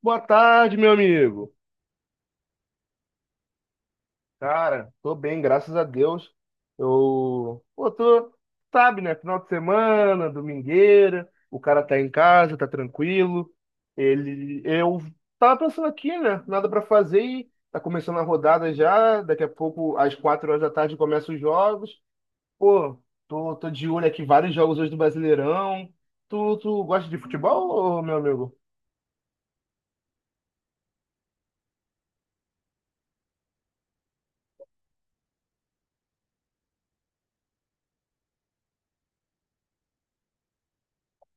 Boa tarde, meu amigo. Cara, tô bem, graças a Deus. Tô, sabe, né? Final de semana, domingueira, o cara tá em casa, tá tranquilo. Eu tava pensando aqui, né? Nada pra fazer e tá começando a rodada já. Daqui a pouco, às 4 horas da tarde, começam os jogos. Pô, tô de olho aqui, vários jogos hoje do Brasileirão. Tu gosta de futebol, ô, meu amigo?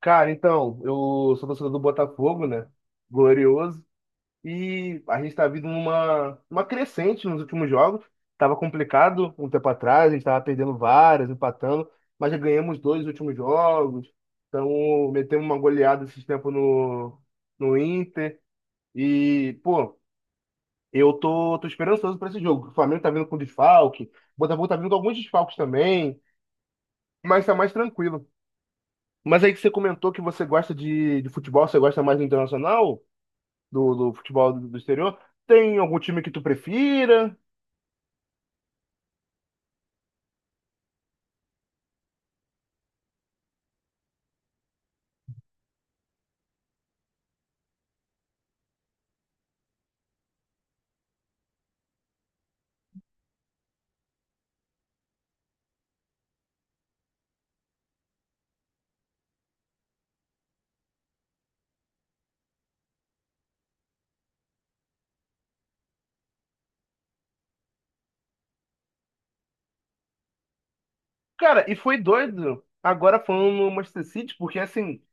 Cara, então, eu sou torcedor do Botafogo, né? Glorioso. E a gente está vindo numa uma crescente nos últimos jogos. Estava complicado um tempo atrás, a gente estava perdendo várias, empatando, mas já ganhamos dois últimos jogos. Então, metemos uma goleada esses tempos no Inter. E, pô, eu tô esperançoso para esse jogo. O Flamengo tá vindo com desfalque, o Botafogo tá vindo com alguns desfalques também, mas tá mais tranquilo. Mas aí que você comentou que você gosta de futebol, você gosta mais do internacional, do futebol do exterior. Tem algum time que tu prefira? Cara, e foi doido. Agora falando no Manchester City, porque assim,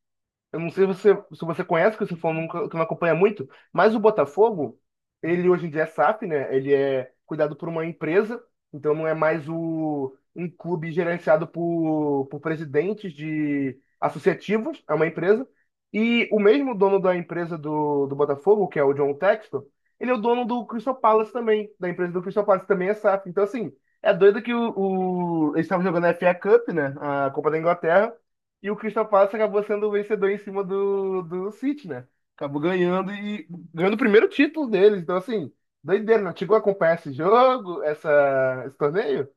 eu não sei se você, se você conhece, que você falou nunca, que não acompanha muito, mas o Botafogo, ele hoje em dia é SAF, né? Ele é cuidado por uma empresa, então não é mais um clube gerenciado por presidentes de associativos, é uma empresa. E o mesmo dono da empresa do Botafogo, que é o John Textor, ele é o dono do Crystal Palace também, da empresa do Crystal Palace, também é SAF. Então, assim, é doido que eles estavam jogando a FA Cup, né? A Copa da Inglaterra. E o Crystal Palace acabou sendo o vencedor em cima do City, né? Acabou ganhando e ganhando o primeiro título deles. Então, assim, doideira, não chegou a acompanhar esse jogo, esse torneio?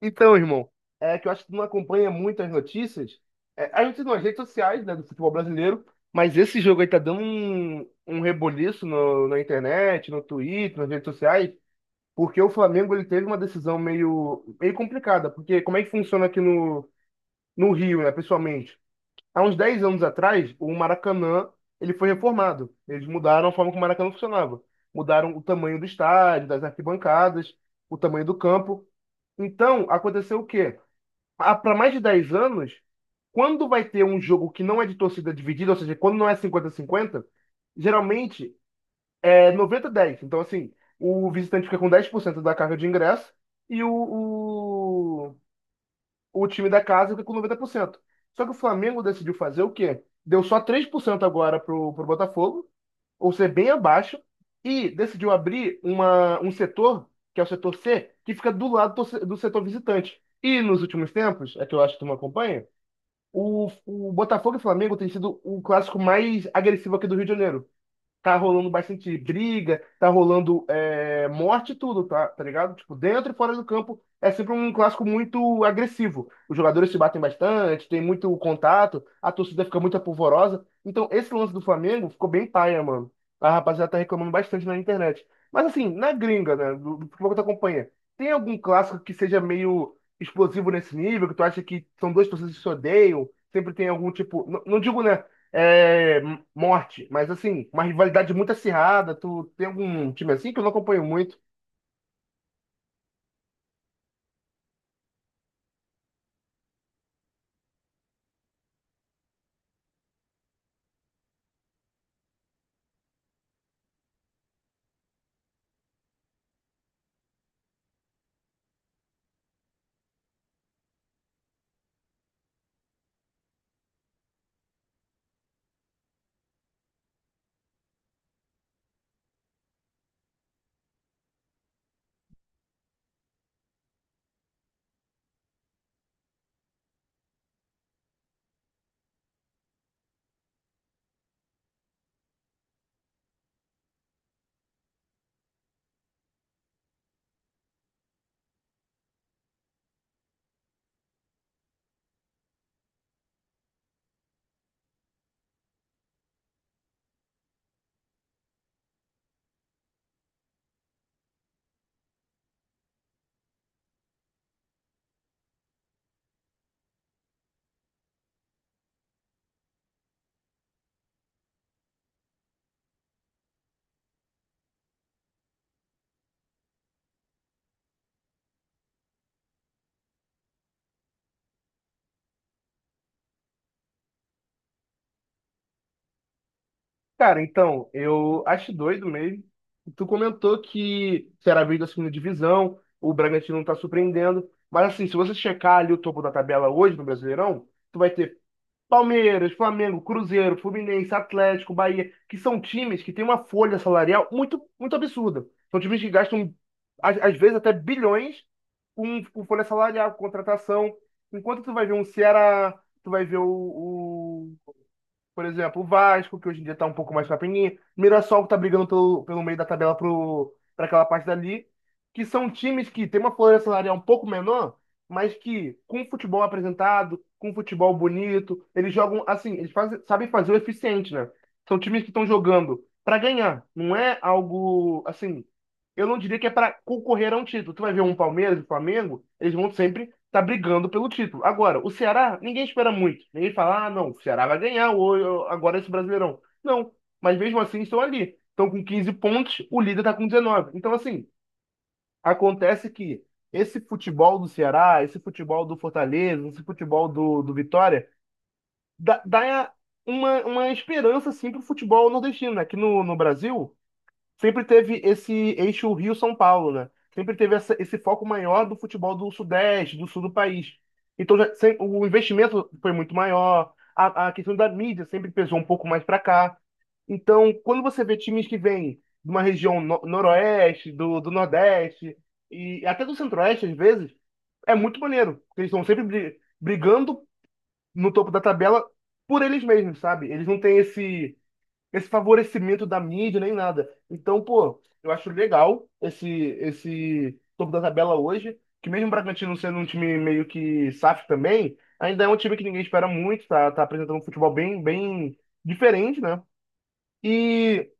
Então, irmão, é que eu acho que tu não acompanha muito as notícias. É, a gente tem nas redes sociais, né, do futebol brasileiro, mas esse jogo aí tá dando um reboliço na internet, no Twitter, nas redes sociais, porque o Flamengo ele teve uma decisão meio complicada. Porque como é que funciona aqui no Rio, né, pessoalmente? Há uns 10 anos atrás, o Maracanã, ele foi reformado. Eles mudaram a forma como o Maracanã funcionava. Mudaram o tamanho do estádio, das arquibancadas, o tamanho do campo. Então, aconteceu o quê? Para mais de 10 anos, quando vai ter um jogo que não é de torcida dividida, ou seja, quando não é 50-50, geralmente é 90-10. Então, assim, o visitante fica com 10% da carga de ingresso e o time da casa fica com 90%. Só que o Flamengo decidiu fazer o quê? Deu só 3% agora pro Botafogo, ou seja, bem abaixo, e decidiu abrir um setor, que é o setor C, que fica do lado do, se- do setor visitante. E nos últimos tempos, é que eu acho que tu me acompanha, o Botafogo e Flamengo tem sido o clássico mais agressivo aqui do Rio de Janeiro. Tá rolando bastante briga, tá rolando é, morte e tudo, tá ligado? Tipo, dentro e fora do campo é sempre um clássico muito agressivo. Os jogadores se batem bastante, tem muito contato, a torcida fica muito apavorosa. Então, esse lance do Flamengo ficou bem paia, mano. A rapaziada tá reclamando bastante na internet. Mas assim, na gringa, né, do futebol que tu acompanha, tem algum clássico que seja meio explosivo nesse nível, que tu acha que são duas torcidas que se odeiam, sempre tem algum tipo, não, não digo, né, é, morte, mas assim, uma rivalidade muito acirrada. Tu tem algum time assim que eu não acompanho muito? Cara, então, eu acho doido mesmo. Tu comentou que será a vídeo da segunda divisão, o Bragantino não tá surpreendendo. Mas assim, se você checar ali o topo da tabela hoje no Brasileirão, tu vai ter Palmeiras, Flamengo, Cruzeiro, Fluminense, Atlético, Bahia, que são times que têm uma folha salarial muito, muito absurda. São times que gastam, às vezes, até bilhões com folha salarial, com contratação. Enquanto tu vai ver um Ceará, tu vai ver o, por exemplo, o Vasco, que hoje em dia tá um pouco mais pra Mirassol, que tá brigando pelo meio da tabela pra aquela parte dali. Que são times que têm uma folha salarial um pouco menor, mas que, com futebol apresentado, com futebol bonito, eles jogam, assim, eles fazem, sabem fazer o eficiente, né? São times que estão jogando pra ganhar. Não é algo, assim, eu não diria que é pra concorrer a um título. Tu vai ver um Palmeiras e Flamengo, eles vão sempre tá brigando pelo título. Agora, o Ceará, ninguém espera muito. Ninguém fala, ah, não, o Ceará vai ganhar ou, agora esse Brasileirão. Não, mas mesmo assim estão ali. Estão com 15 pontos, o líder tá com 19. Então, assim, acontece que esse futebol do Ceará, esse futebol do Fortaleza, esse futebol do Vitória, dá uma esperança, assim, pro futebol nordestino. Aqui no Brasil, sempre teve esse eixo Rio-São Paulo, né? Sempre teve esse foco maior do futebol do Sudeste, do Sul do país. Então já, o investimento foi muito maior, a questão da mídia sempre pesou um pouco mais para cá. Então, quando você vê times que vêm de uma região noroeste, do nordeste, e até do centro-oeste, às vezes, é muito maneiro. Porque eles estão sempre brigando no topo da tabela por eles mesmos, sabe? Eles não têm esse favorecimento da mídia nem nada. Então, pô, eu acho legal esse topo da tabela hoje, que mesmo o Bragantino sendo um time meio que saf também, ainda é um time que ninguém espera muito, tá apresentando um futebol bem diferente, né? E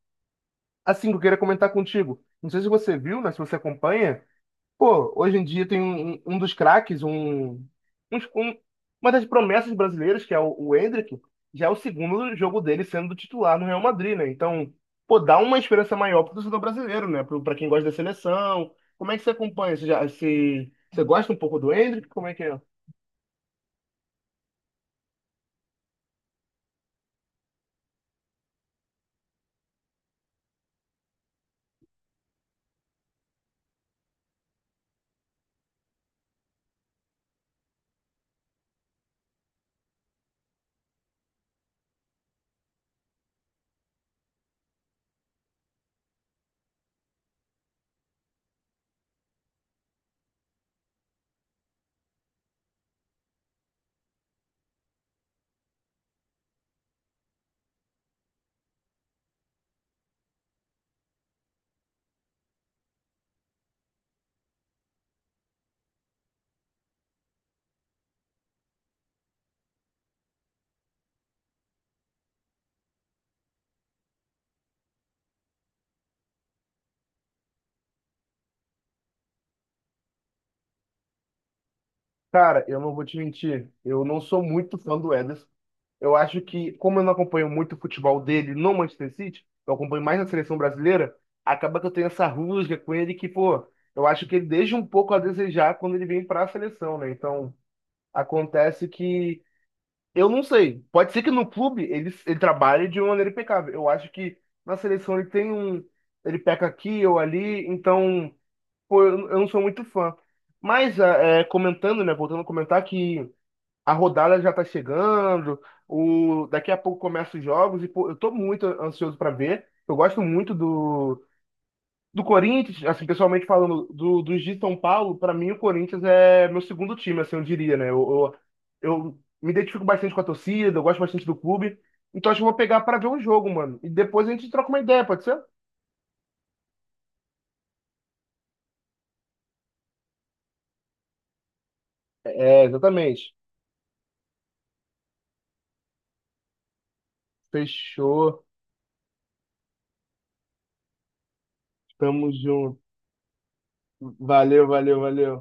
assim, eu queria comentar contigo. Não sei se você viu, né, se você acompanha. Pô, hoje em dia tem um dos craques, um um- uma das promessas brasileiras, que é o Endrick, já é o segundo jogo dele sendo titular no Real Madrid, né? Então, pô, dá uma esperança maior pro torcedor brasileiro, né? Pra quem gosta da seleção. Como é que você acompanha? Você gosta um pouco do Endrick? Como é que é? Cara, eu não vou te mentir, eu não sou muito fã do Ederson. Eu acho que, como eu não acompanho muito o futebol dele no Manchester City, eu acompanho mais na seleção brasileira, acaba que eu tenho essa rusga com ele que, pô, eu acho que ele deixa um pouco a desejar quando ele vem para a seleção, né? Então, acontece que eu não sei. Pode ser que no clube ele trabalhe de uma maneira impecável. Eu acho que na seleção ele tem um. Ele peca aqui ou ali, então, pô, eu não sou muito fã. Mas, ah, é, comentando, né? Voltando a comentar que a rodada já tá chegando, o daqui a pouco começam os jogos e pô, eu tô muito ansioso para ver. Eu gosto muito do Corinthians, assim, pessoalmente falando, dos de São Paulo, para mim o Corinthians é meu segundo time, assim, eu diria, né? Eu me identifico bastante com a torcida, eu gosto bastante do clube. Então acho que eu vou pegar para ver um jogo, mano. E depois a gente troca uma ideia, pode ser? É, exatamente. Fechou. Tamo junto. Valeu, valeu, valeu.